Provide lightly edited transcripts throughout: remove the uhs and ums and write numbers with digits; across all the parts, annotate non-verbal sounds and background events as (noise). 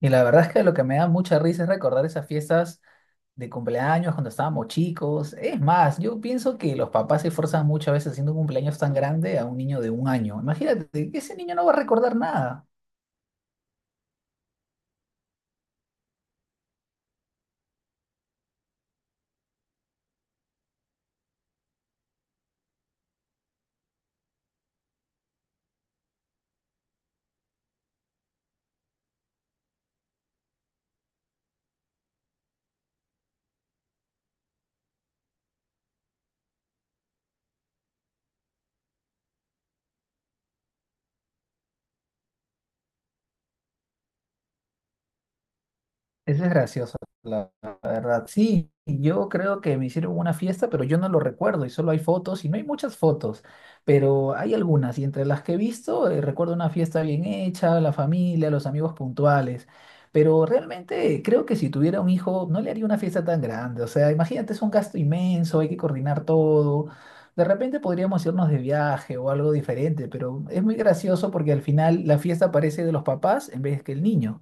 Y la verdad es que lo que me da mucha risa es recordar esas fiestas de cumpleaños cuando estábamos chicos. Es más, yo pienso que los papás se esforzan muchas veces haciendo un cumpleaños tan grande a un niño de un año. Imagínate, ese niño no va a recordar nada. Eso es gracioso, la verdad. Sí, yo creo que me hicieron una fiesta, pero yo no lo recuerdo y solo hay fotos y no hay muchas fotos, pero hay algunas y entre las que he visto recuerdo una fiesta bien hecha, la familia, los amigos puntuales, pero realmente creo que si tuviera un hijo no le haría una fiesta tan grande, o sea, imagínate, es un gasto inmenso, hay que coordinar todo. De repente podríamos irnos de viaje o algo diferente, pero es muy gracioso porque al final la fiesta parece de los papás en vez que el niño.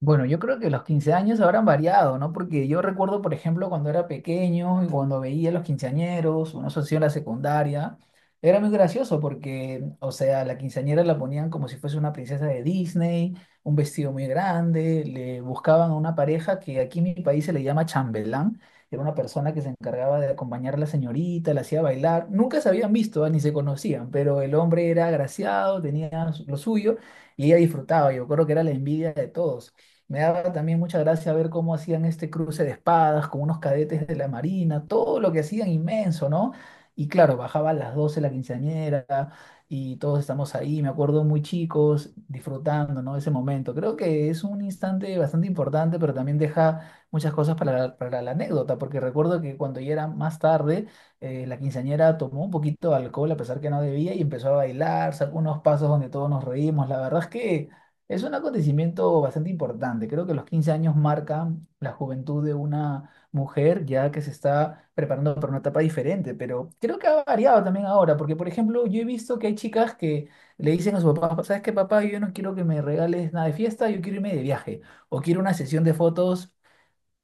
Bueno, yo creo que los 15 años habrán variado, ¿no? Porque yo recuerdo, por ejemplo, cuando era pequeño y cuando veía a los quinceañeros, una socio en la secundaria, era muy gracioso porque, o sea, la quinceañera la ponían como si fuese una princesa de Disney, un vestido muy grande, le buscaban a una pareja que aquí en mi país se le llama chambelán, era una persona que se encargaba de acompañar a la señorita, la hacía bailar, nunca se habían visto, ¿eh? Ni se conocían, pero el hombre era agraciado, tenía lo suyo y ella disfrutaba, yo creo que era la envidia de todos. Me daba también mucha gracia ver cómo hacían este cruce de espadas con unos cadetes de la Marina, todo lo que hacían inmenso, ¿no? Y claro, bajaba a las 12 la quinceañera y todos estamos ahí, me acuerdo muy chicos, disfrutando, ¿no? Ese momento. Creo que es un instante bastante importante, pero también deja muchas cosas para la anécdota, porque recuerdo que cuando ya era más tarde, la quinceañera tomó un poquito de alcohol a pesar que no debía y empezó a bailar, sacó unos pasos donde todos nos reímos. La verdad es que es un acontecimiento bastante importante. Creo que los 15 años marcan la juventud de una mujer ya que se está preparando para una etapa diferente, pero creo que ha variado también ahora, porque por ejemplo yo he visto que hay chicas que le dicen a su papá, ¿sabes qué, papá? Yo no quiero que me regales nada de fiesta, yo quiero irme de viaje o quiero una sesión de fotos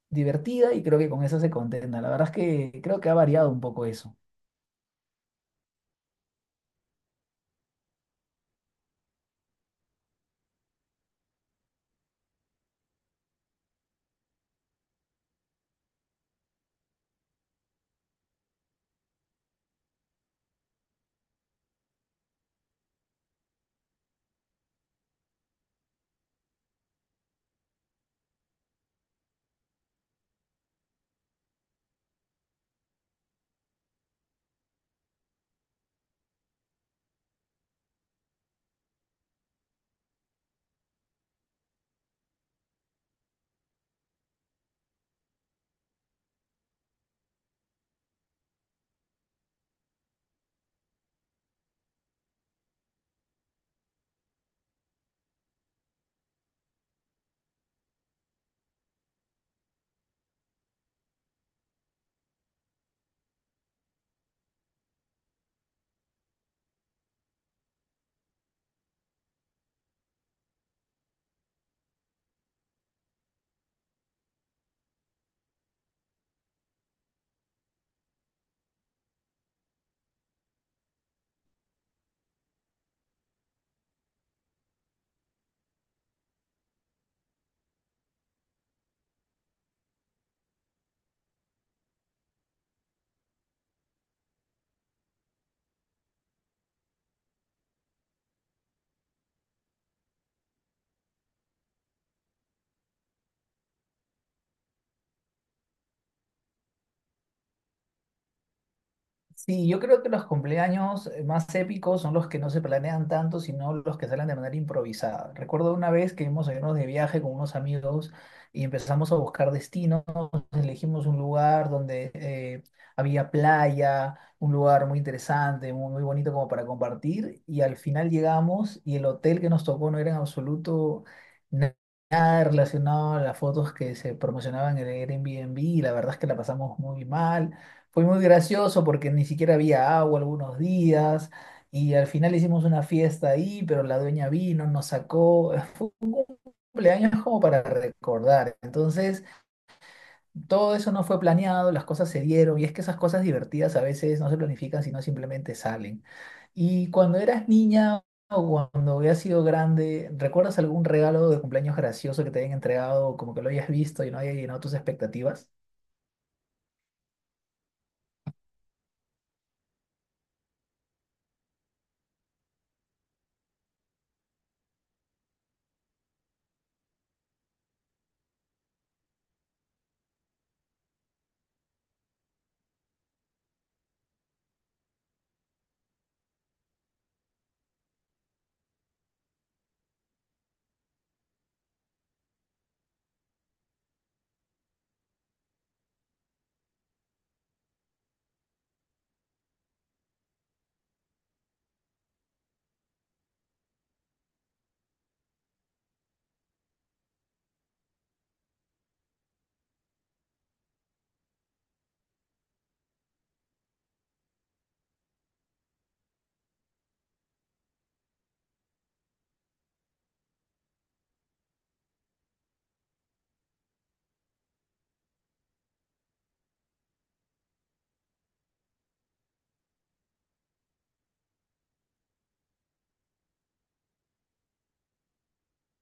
divertida y creo que con eso se contenta. La verdad es que creo que ha variado un poco eso. Sí, yo creo que los cumpleaños más épicos son los que no se planean tanto, sino los que salen de manera improvisada. Recuerdo una vez que íbamos a irnos de viaje con unos amigos y empezamos a buscar destinos, elegimos un lugar donde había playa, un lugar muy interesante, muy, muy bonito como para compartir, y al final llegamos y el hotel que nos tocó no era en absoluto na- nada relacionado a las fotos que se promocionaban en el Airbnb, y la verdad es que la pasamos muy mal. Fue muy gracioso porque ni siquiera había agua algunos días y al final hicimos una fiesta ahí, pero la dueña vino, nos sacó. (laughs) Fue un cumpleaños como para recordar. Entonces, todo eso no fue planeado, las cosas se dieron y es que esas cosas divertidas a veces no se planifican, sino simplemente salen. Y cuando eras niña o cuando habías sido grande, ¿recuerdas algún regalo de cumpleaños gracioso que te hayan entregado, como que lo hayas visto y no haya llenado tus expectativas?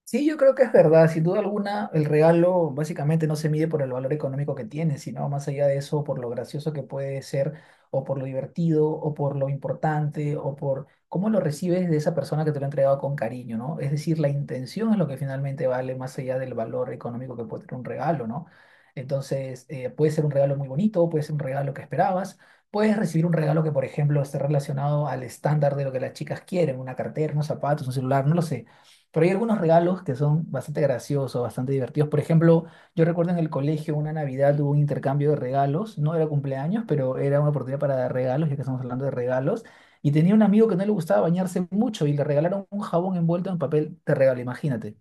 Sí, yo creo que es verdad. Sin duda alguna, el regalo básicamente no se mide por el valor económico que tiene, sino más allá de eso, por lo gracioso que puede ser, o por lo divertido, o por lo importante, o por cómo lo recibes de esa persona que te lo ha entregado con cariño, ¿no? Es decir, la intención es lo que finalmente vale más allá del valor económico que puede tener un regalo, ¿no? Entonces, puede ser un regalo muy bonito, puede ser un regalo que esperabas. Puedes recibir un regalo que, por ejemplo, esté relacionado al estándar de lo que las chicas quieren, una cartera, unos zapatos, un celular, no lo sé. Pero hay algunos regalos que son bastante graciosos, bastante divertidos. Por ejemplo, yo recuerdo en el colegio una Navidad hubo un intercambio de regalos. No era cumpleaños, pero era una oportunidad para dar regalos, ya que estamos hablando de regalos. Y tenía un amigo que no le gustaba bañarse mucho y le regalaron un jabón envuelto en papel de regalo, imagínate.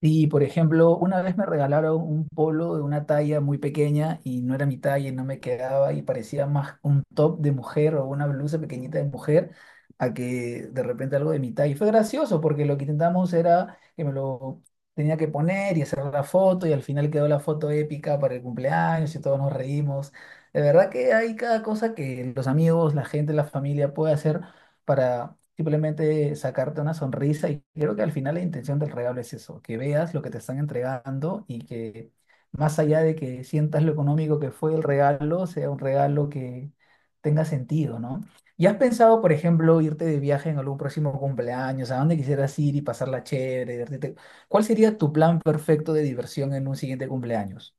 Y, por ejemplo, una vez me regalaron un polo de una talla muy pequeña y no era mi talla y no me quedaba y parecía más un top de mujer o una blusa pequeñita de mujer a que de repente algo de mi talla. Y fue gracioso porque lo que intentamos era que me lo tenía que poner y hacer la foto y al final quedó la foto épica para el cumpleaños y todos nos reímos. De verdad que hay cada cosa que los amigos, la gente, la familia puede hacer para simplemente sacarte una sonrisa. Y creo que al final la intención del regalo es eso, que veas lo que te están entregando y que más allá de que sientas lo económico que fue el regalo, sea un regalo que tenga sentido, ¿no? ¿Y has pensado, por ejemplo, irte de viaje en algún próximo cumpleaños? ¿A dónde quisieras ir y pasarla chévere, divertirte? ¿Cuál sería tu plan perfecto de diversión en un siguiente cumpleaños?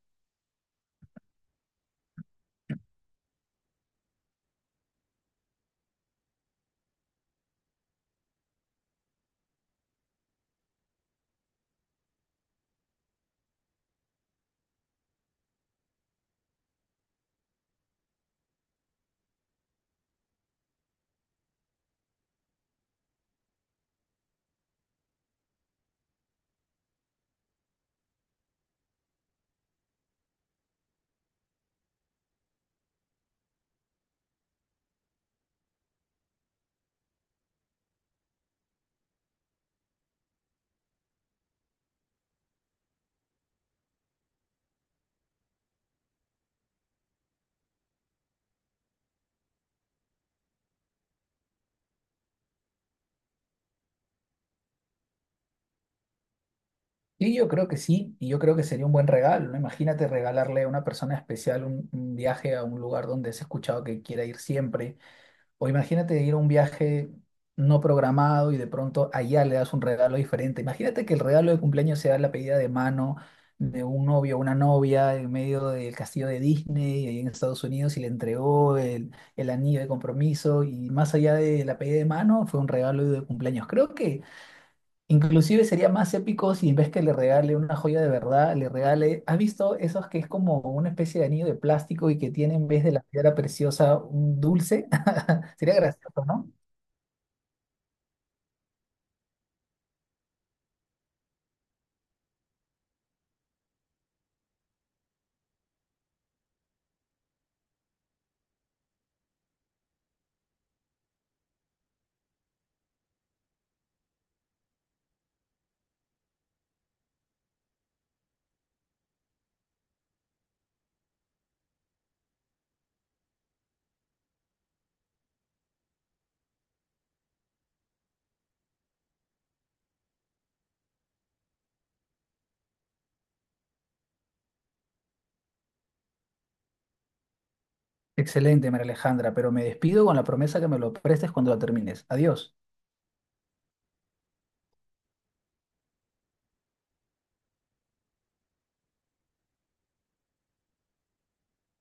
Sí, yo creo que sí, y yo creo que sería un buen regalo, ¿no? Imagínate regalarle a una persona especial un viaje a un lugar donde has escuchado que quiera ir siempre, o imagínate ir a un viaje no programado y de pronto allá le das un regalo diferente. Imagínate que el regalo de cumpleaños sea la pedida de mano de un novio o una novia en medio del castillo de Disney ahí en Estados Unidos y le entregó el anillo de compromiso y más allá de la pedida de mano fue un regalo de cumpleaños. Creo que... Inclusive sería más épico si en vez que le regale una joya de verdad, le regale, ¿has visto esos que es como una especie de anillo de plástico y que tiene en vez de la piedra preciosa un dulce? (laughs) Sería gracioso, ¿no? Excelente, María Alejandra, pero me despido con la promesa que me lo prestes cuando lo termines. Adiós.